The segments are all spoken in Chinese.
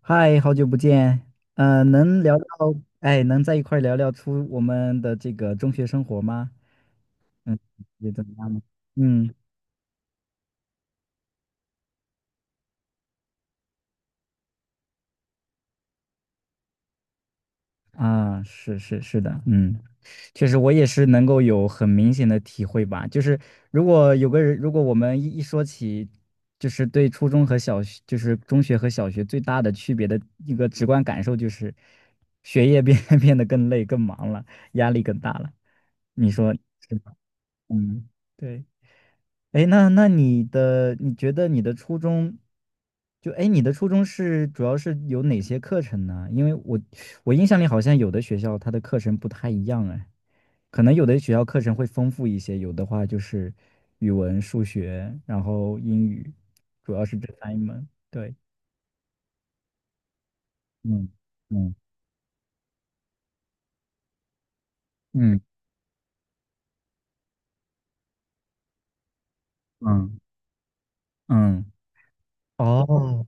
嗨，好久不见，能聊聊，哎，能在一块儿聊聊出我们的这个中学生活吗？嗯，也怎么样呢？嗯，啊，是是是的，确实我也是能够有很明显的体会吧，就是如果有个人，如果我们一说起，就是对初中和小学，就是中学和小学最大的区别的一个直观感受就是，学业变 变得更累、更忙了，压力更大了，你说是吧？嗯，对。哎，那你觉得你的初中，就哎，诶你的初中主要是有哪些课程呢？因为我印象里好像有的学校它的课程不太一样哎，可能有的学校课程会丰富一些，有的话就是语文、数学，然后英语，主要是这三门。对，嗯嗯嗯嗯嗯，哦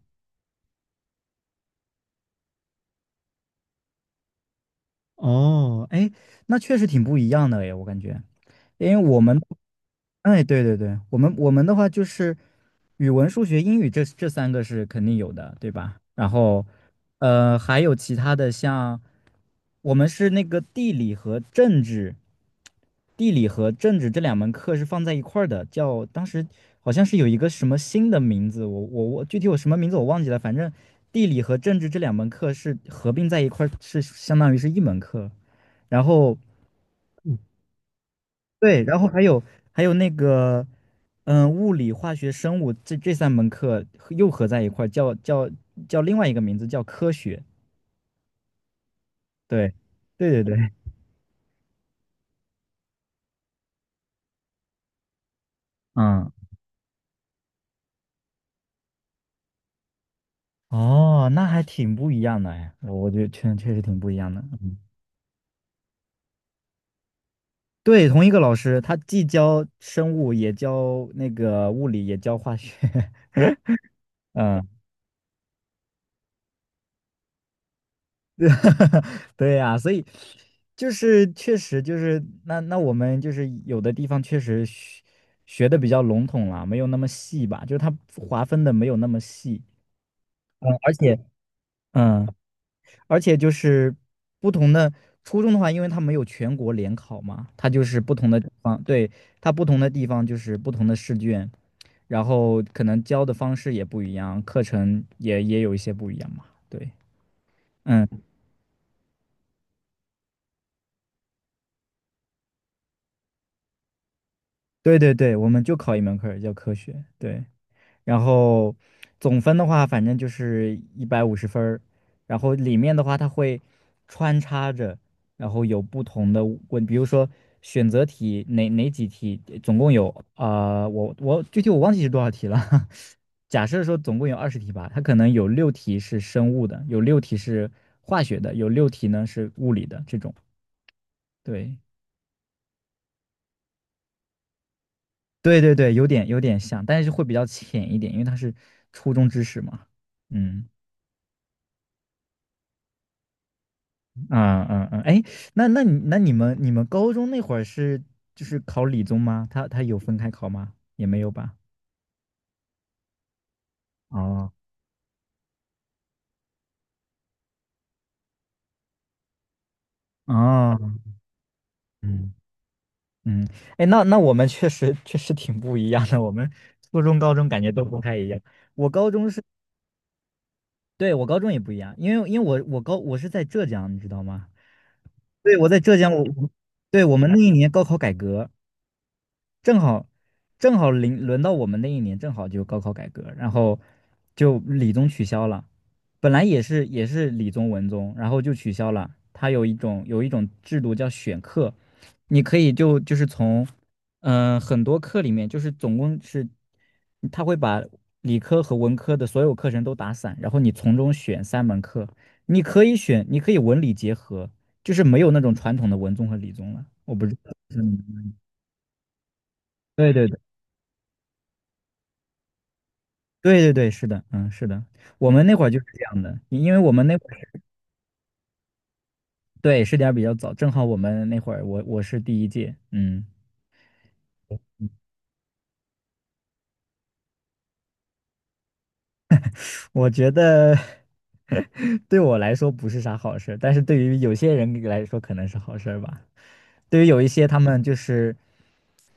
哦，哎，那确实挺不一样的哎，我感觉。因为我们 哎，对对对，我们的话就是语文、数学、英语这三个是肯定有的，对吧？然后，还有其他的像，我们是那个地理和政治，地理和政治这两门课是放在一块儿的，叫当时好像是有一个什么新的名字，我具体我什么名字我忘记了，反正地理和政治这两门课是合并在一块儿，是相当于是一门课。然后对，然后还有那个，物理、化学、生物这三门课合在一块儿，叫另外一个名字叫科学。对，对对对，嗯，哦，那还挺不一样的哎，我觉得确实挺不一样的。嗯，对，同一个老师，他既教生物，也教那个物理，也教化学。嗯，对呀，所以就是确实就是那我们就是有的地方确实学的比较笼统了，没有那么细吧，就是它划分的没有那么细，嗯而且嗯，而且就是不同的初中的话，因为它没有全国联考嘛，它就是不同的地方，对，它不同的地方就是不同的试卷，然后可能教的方式也不一样，课程也有一些不一样嘛，对。嗯。对对对，我们就考一门课儿叫科学，对。然后总分的话，反正就是150分儿。然后里面的话，它会穿插着，然后有不同的问，比如说选择题哪几题，总共有我具体我忘记是多少题了。假设说总共有20题吧，它可能有六题是生物的，有六题是化学的，有六题呢是物理的这种。对，对对对，有点像，但是会比较浅一点，因为它是初中知识嘛。嗯啊啊啊！哎，那你们高中那会儿是就是考理综吗？他有分开考吗？也没有吧？哦哦，嗯嗯，哎，那我们确实挺不一样的，我们初中高中感觉都不太一样。我高中是，对，我高中也不一样，因为我是在浙江，你知道吗？对，我在浙江，对，我们那一年高考改革。正好正好轮到我们那一年，正好就高考改革，然后就理综取消了。本来也是理综文综，然后就取消了。它有一种制度叫选课，你可以就是从很多课里面，就是总共是他会把理科和文科的所有课程都打散，然后你从中选三门课，你可以选，你可以文理结合，就是没有那种传统的文综和理综了。我不知道，嗯，对对对对对对，是的，嗯，是的，我们那会儿就是这样的，因为我们那会儿是对试点比较早，正好我们那会儿我是第一届，嗯，我觉得 对我来说不是啥好事儿，但是对于有些人来说可能是好事儿吧，对于有一些他们就是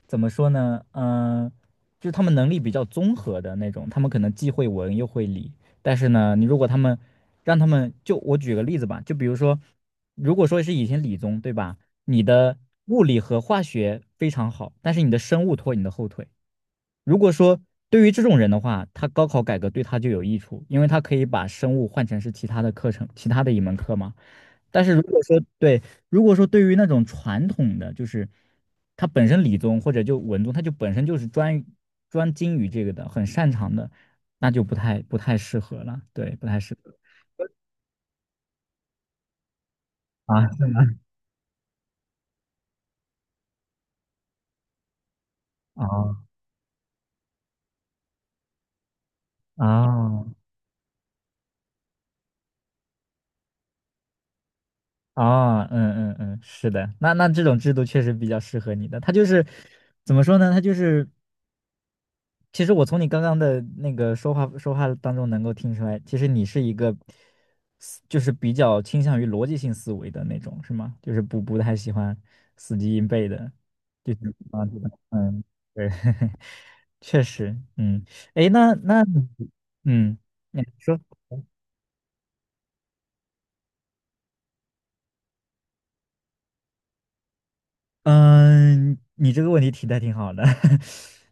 怎么说呢？嗯、就是他们能力比较综合的那种，他们可能既会文又会理，但是呢，你如果他们让他们就我举个例子吧，就比如说，如果说是以前理综对吧，你的物理和化学非常好，但是你的生物拖你的后腿。如果说对于这种人的话，他高考改革对他就有益处，因为他可以把生物换成是其他的课程，其他的一门课嘛。但是如果说对于那种传统的，就是他本身理综或者就文综，他就本身就是专精于这个的，很擅长的，那就不太适合了。对，不太适合啊。啊啊哦，嗯嗯嗯，是的，那这种制度确实比较适合你的。它就是怎么说呢？它就是其实我从你刚刚的那个说话当中能够听出来，其实你是一个就是比较倾向于逻辑性思维的那种，是吗？就是不太喜欢死记硬背的，就是啊，对吧嗯，对，确实，嗯，诶，那那，嗯，你说。嗯，你这个问题提的挺好的。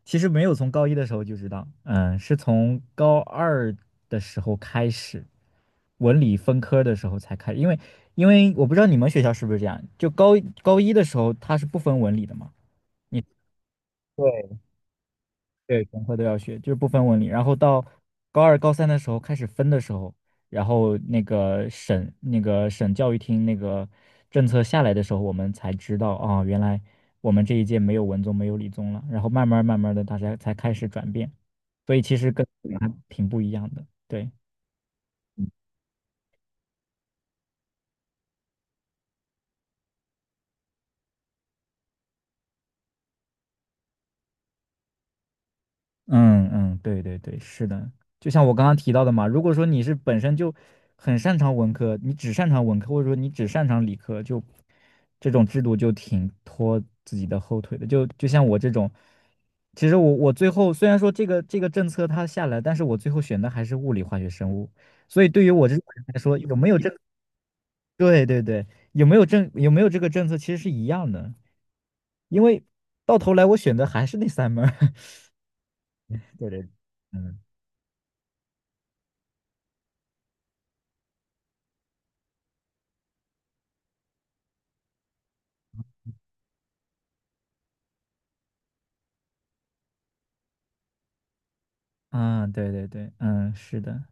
其实没有从高一的时候就知道，是从高二的时候开始，文理分科的时候才开因为因为我不知道你们学校是不是这样，就高一的时候它是不分文理的嘛？你对对，全科都要学，就是不分文理。然后到高二、高三的时候开始分的时候，然后那个省教育厅那个政策下来的时候，我们才知道原来我们这一届没有文综，没有理综了。然后慢慢慢慢的，大家才开始转变，所以其实跟还挺不一样的。对。嗯嗯，对对对，是的，就像我刚刚提到的嘛，如果说你是本身就很擅长文科，你只擅长文科，或者说你只擅长理科，就这种制度就挺拖自己的后腿的。就像我这种，其实我最后虽然说这个政策它下来，但是我最后选的还是物理、化学、生物，所以对于我这种人来说，有没有这，对对对，有没有这个政策其实是一样的，因为到头来我选的还是那3门儿 对对，嗯。啊，对对对，嗯，是的，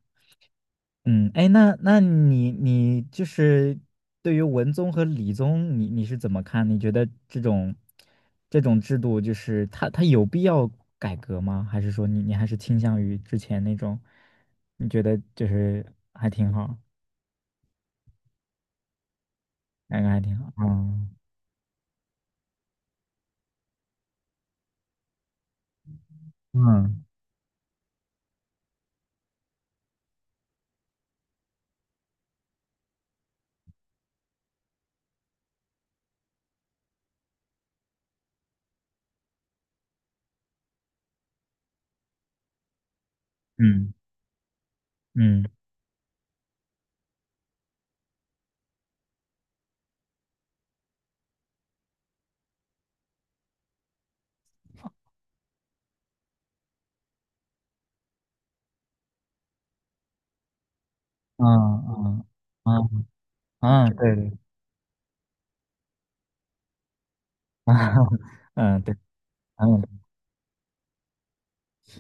嗯，哎，那你就是对于文综和理综，你是怎么看？你觉得这种制度，就是它有必要改革吗？还是说你还是倾向于之前那种？你觉得就是还挺好，感觉还挺好。嗯嗯嗯嗯嗯嗯嗯，嗯，对对，嗯对，嗯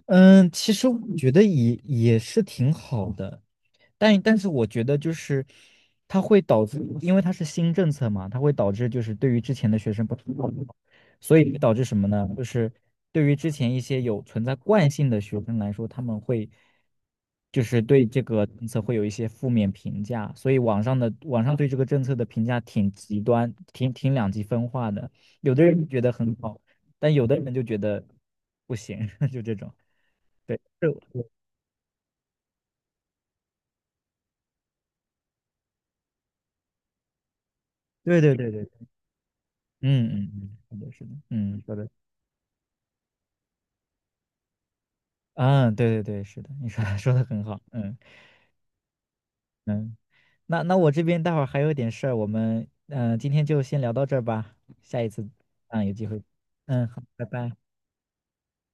嗯，其实我觉得也是挺好的。但是我觉得就是它会导致，因为它是新政策嘛，它会导致就是对于之前的学生不同，所以会导致什么呢？就是对于之前一些有存在惯性的学生来说，他们会就是对这个政策会有一些负面评价，所以网上对这个政策的评价挺极端，挺两极分化的，有的人觉得很好，但有的人就觉得不行，就这种。对，是对对对对嗯嗯嗯，是的，是的，嗯，你说的，嗯，对对对，是的，你说 说的很好，嗯嗯，那我这边待会儿还有点事儿，我们今天就先聊到这儿吧，下一次有机会，嗯，好，拜拜。